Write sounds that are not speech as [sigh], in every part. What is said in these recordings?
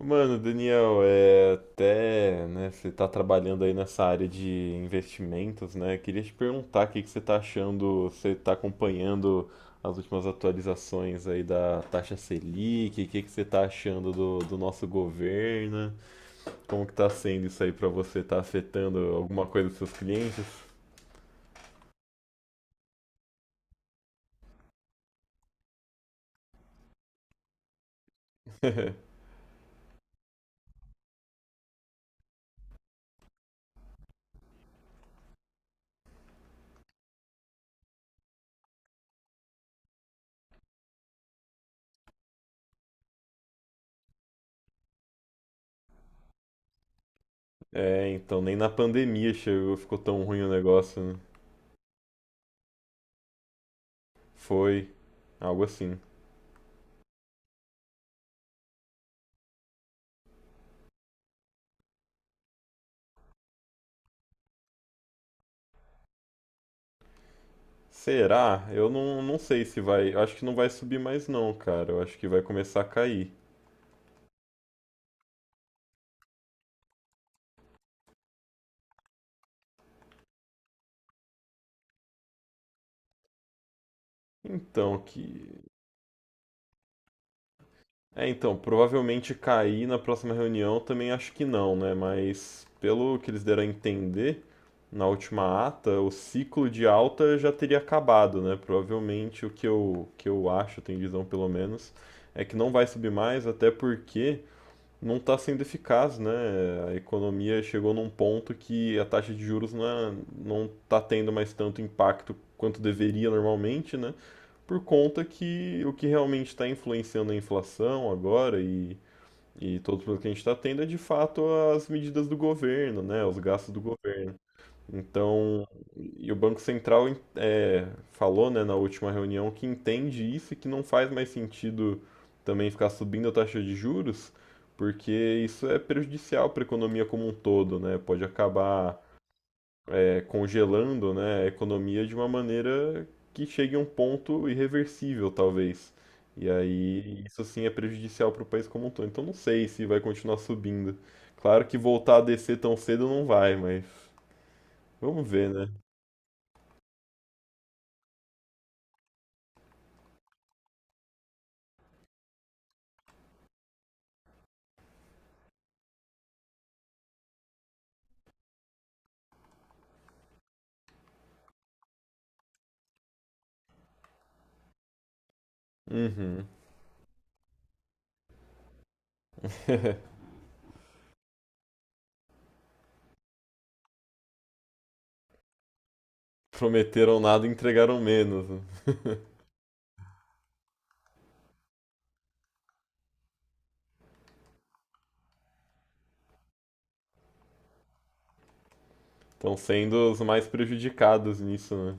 Mano, Daniel, né, você tá trabalhando aí nessa área de investimentos, né? Queria te perguntar o que que você tá achando. Você tá acompanhando as últimas atualizações aí da taxa Selic? O que que você tá achando do nosso governo? Como que tá sendo isso aí pra você? Tá afetando alguma coisa dos seus clientes? [laughs] É, então, nem na pandemia chegou, ficou tão ruim o negócio, né? Foi algo assim. Será? Eu não sei se vai. Eu acho que não vai subir mais não, cara. Eu acho que vai começar a cair. Então, que. É, então, provavelmente cair na próxima reunião também acho que não, né? Mas pelo que eles deram a entender, na última ata, o ciclo de alta já teria acabado, né? Provavelmente o que eu acho, tenho visão pelo menos, é que não vai subir mais, até porque não está sendo eficaz, né? A economia chegou num ponto que a taxa de juros não está tendo mais tanto impacto quanto deveria normalmente, né? Por conta que o que realmente está influenciando a inflação e todo o problemas que a gente está tendo é de fato as medidas do governo, né? Os gastos do governo. Então, e o Banco Central falou, né, na última reunião que entende isso e que não faz mais sentido também ficar subindo a taxa de juros, porque isso é prejudicial para a economia como um todo, né? Pode acabar congelando, né, a economia de uma maneira que chegue a um ponto irreversível, talvez. E aí, isso sim é prejudicial para o país como um todo. Então, não sei se vai continuar subindo. Claro que voltar a descer tão cedo não vai, mas vamos ver, né? Uhum. [laughs] Prometeram nada e entregaram menos, né? Estão sendo os mais prejudicados nisso, né?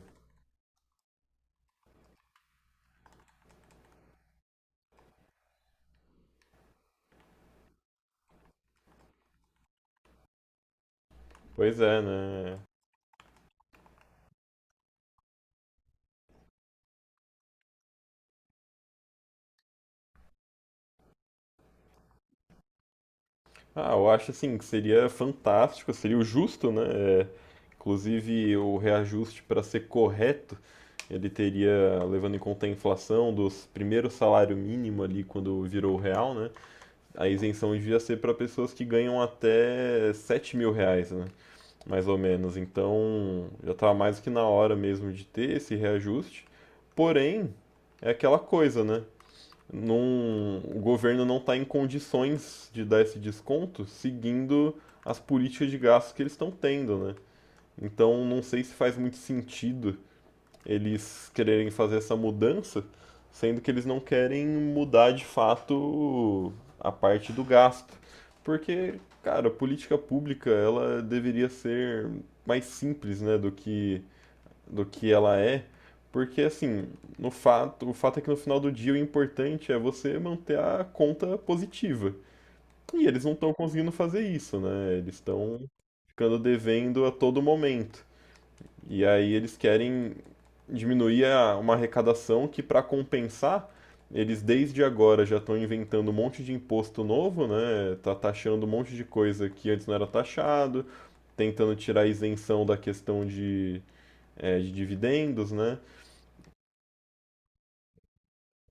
Pois é, né? Ah, eu acho assim que seria fantástico, seria o justo, né? É, inclusive o reajuste para ser correto, ele teria, levando em conta a inflação dos primeiros salário mínimo ali quando virou real, né? A isenção devia ser para pessoas que ganham até 7 mil reais, né? Mais ou menos. Então, já estava mais do que na hora mesmo de ter esse reajuste. Porém, é aquela coisa, né? Não, o governo não está em condições de dar esse desconto seguindo as políticas de gastos que eles estão tendo, né? Então, não sei se faz muito sentido eles quererem fazer essa mudança, sendo que eles não querem mudar de fato a parte do gasto. Porque, cara, a política pública ela deveria ser mais simples, né, do que ela é, porque assim, no fato, o fato é que no final do dia o importante é você manter a conta positiva. E eles não estão conseguindo fazer isso, né? Eles estão ficando devendo a todo momento. E aí eles querem uma arrecadação que, para compensar, eles desde agora já estão inventando um monte de imposto novo, né? Tá taxando um monte de coisa que antes não era taxado, tentando tirar a isenção da questão de dividendos, né?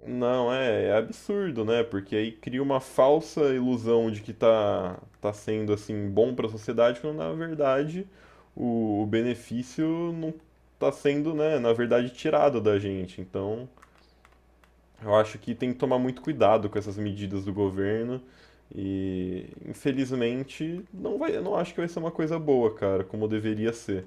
Não, é absurdo, né? Porque aí cria uma falsa ilusão de que tá sendo assim bom para a sociedade, quando na verdade o benefício não tá sendo, né, na verdade tirado da gente. Então, eu acho que tem que tomar muito cuidado com essas medidas do governo e infelizmente não vai, eu não acho que vai ser uma coisa boa, cara, como deveria ser.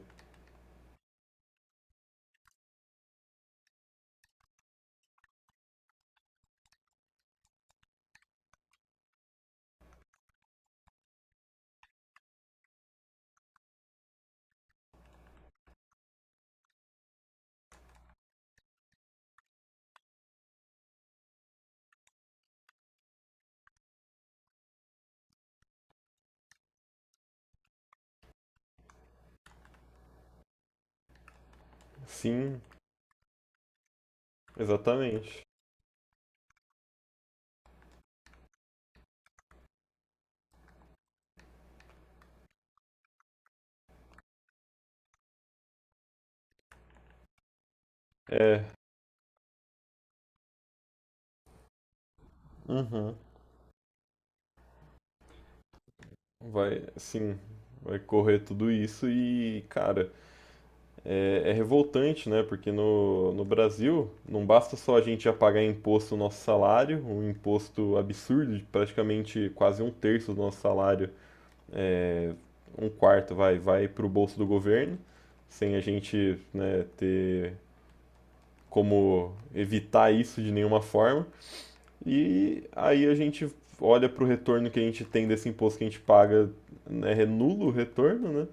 Sim, exatamente. É. Uhum. Vai, sim, vai correr tudo isso e, cara, é revoltante, né? Porque no Brasil não basta só a gente já pagar imposto no nosso salário, um imposto absurdo, de praticamente quase um terço do nosso salário, um quarto vai para o bolso do governo, sem a gente, né, ter como evitar isso de nenhuma forma. E aí a gente olha para o retorno que a gente tem desse imposto que a gente paga, né, é nulo o retorno, né?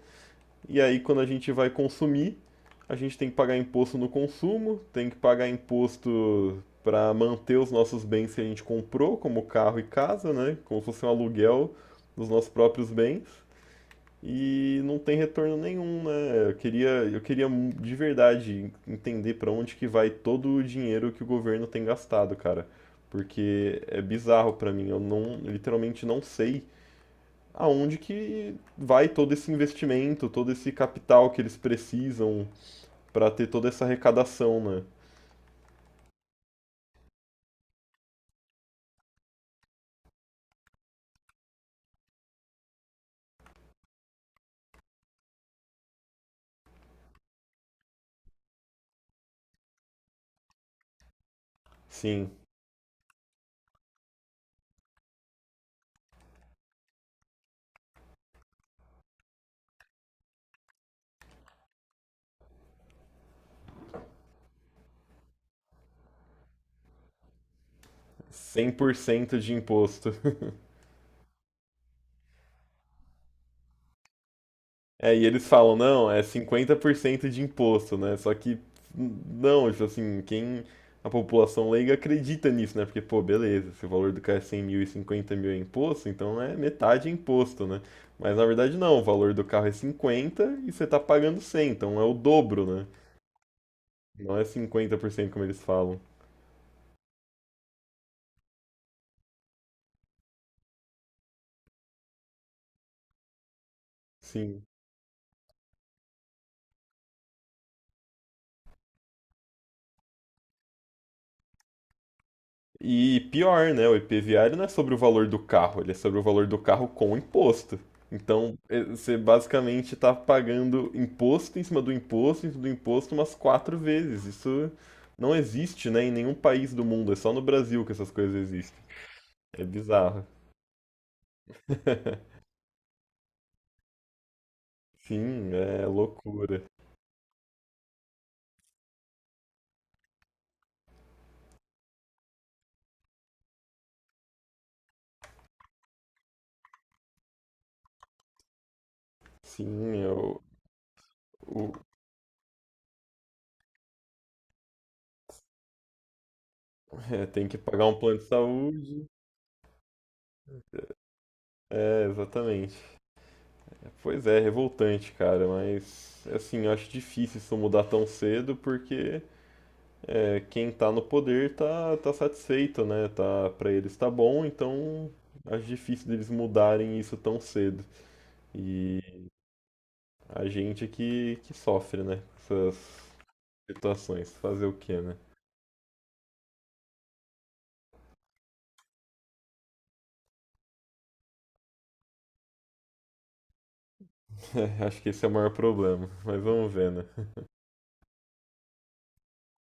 E aí, quando a gente vai consumir, a gente tem que pagar imposto no consumo, tem que pagar imposto para manter os nossos bens que a gente comprou, como carro e casa, né? Como se fosse um aluguel dos nossos próprios bens. E não tem retorno nenhum, né? Eu queria de verdade entender para onde que vai todo o dinheiro que o governo tem gastado, cara. Porque é bizarro para mim, eu não, literalmente não sei aonde que vai todo esse investimento, todo esse capital que eles precisam para ter toda essa arrecadação, né? Sim, cem por cento de imposto. [laughs] É, e eles falam, não, é 50% de imposto, né? Só que, não, tipo assim, quem, a população leiga acredita nisso, né? Porque, pô, beleza, se o valor do carro é 100 mil e 50 mil é imposto, então é metade é imposto, né? Mas na verdade não, o valor do carro é 50 e você tá pagando 100, então é o dobro, né? Não é 50% como eles falam. Sim. E pior, né? O IPVA ele não é sobre o valor do carro, ele é sobre o valor do carro com imposto. Então, você basicamente está pagando imposto em cima do imposto, em cima do imposto umas quatro vezes. Isso não existe, né, em nenhum país do mundo. É só no Brasil que essas coisas existem. É bizarro. [laughs] Sim, é loucura. Sim, o- é, tem que pagar um plano de saúde. É, exatamente. Pois é, revoltante, cara, mas assim, eu acho difícil isso mudar tão cedo porque quem tá no poder tá satisfeito, né? Tá, para eles tá bom, então acho difícil deles mudarem isso tão cedo. E a gente é que sofre, né? Com essas situações. Fazer o quê, né? [laughs] Acho que esse é o maior problema, mas vamos ver, né?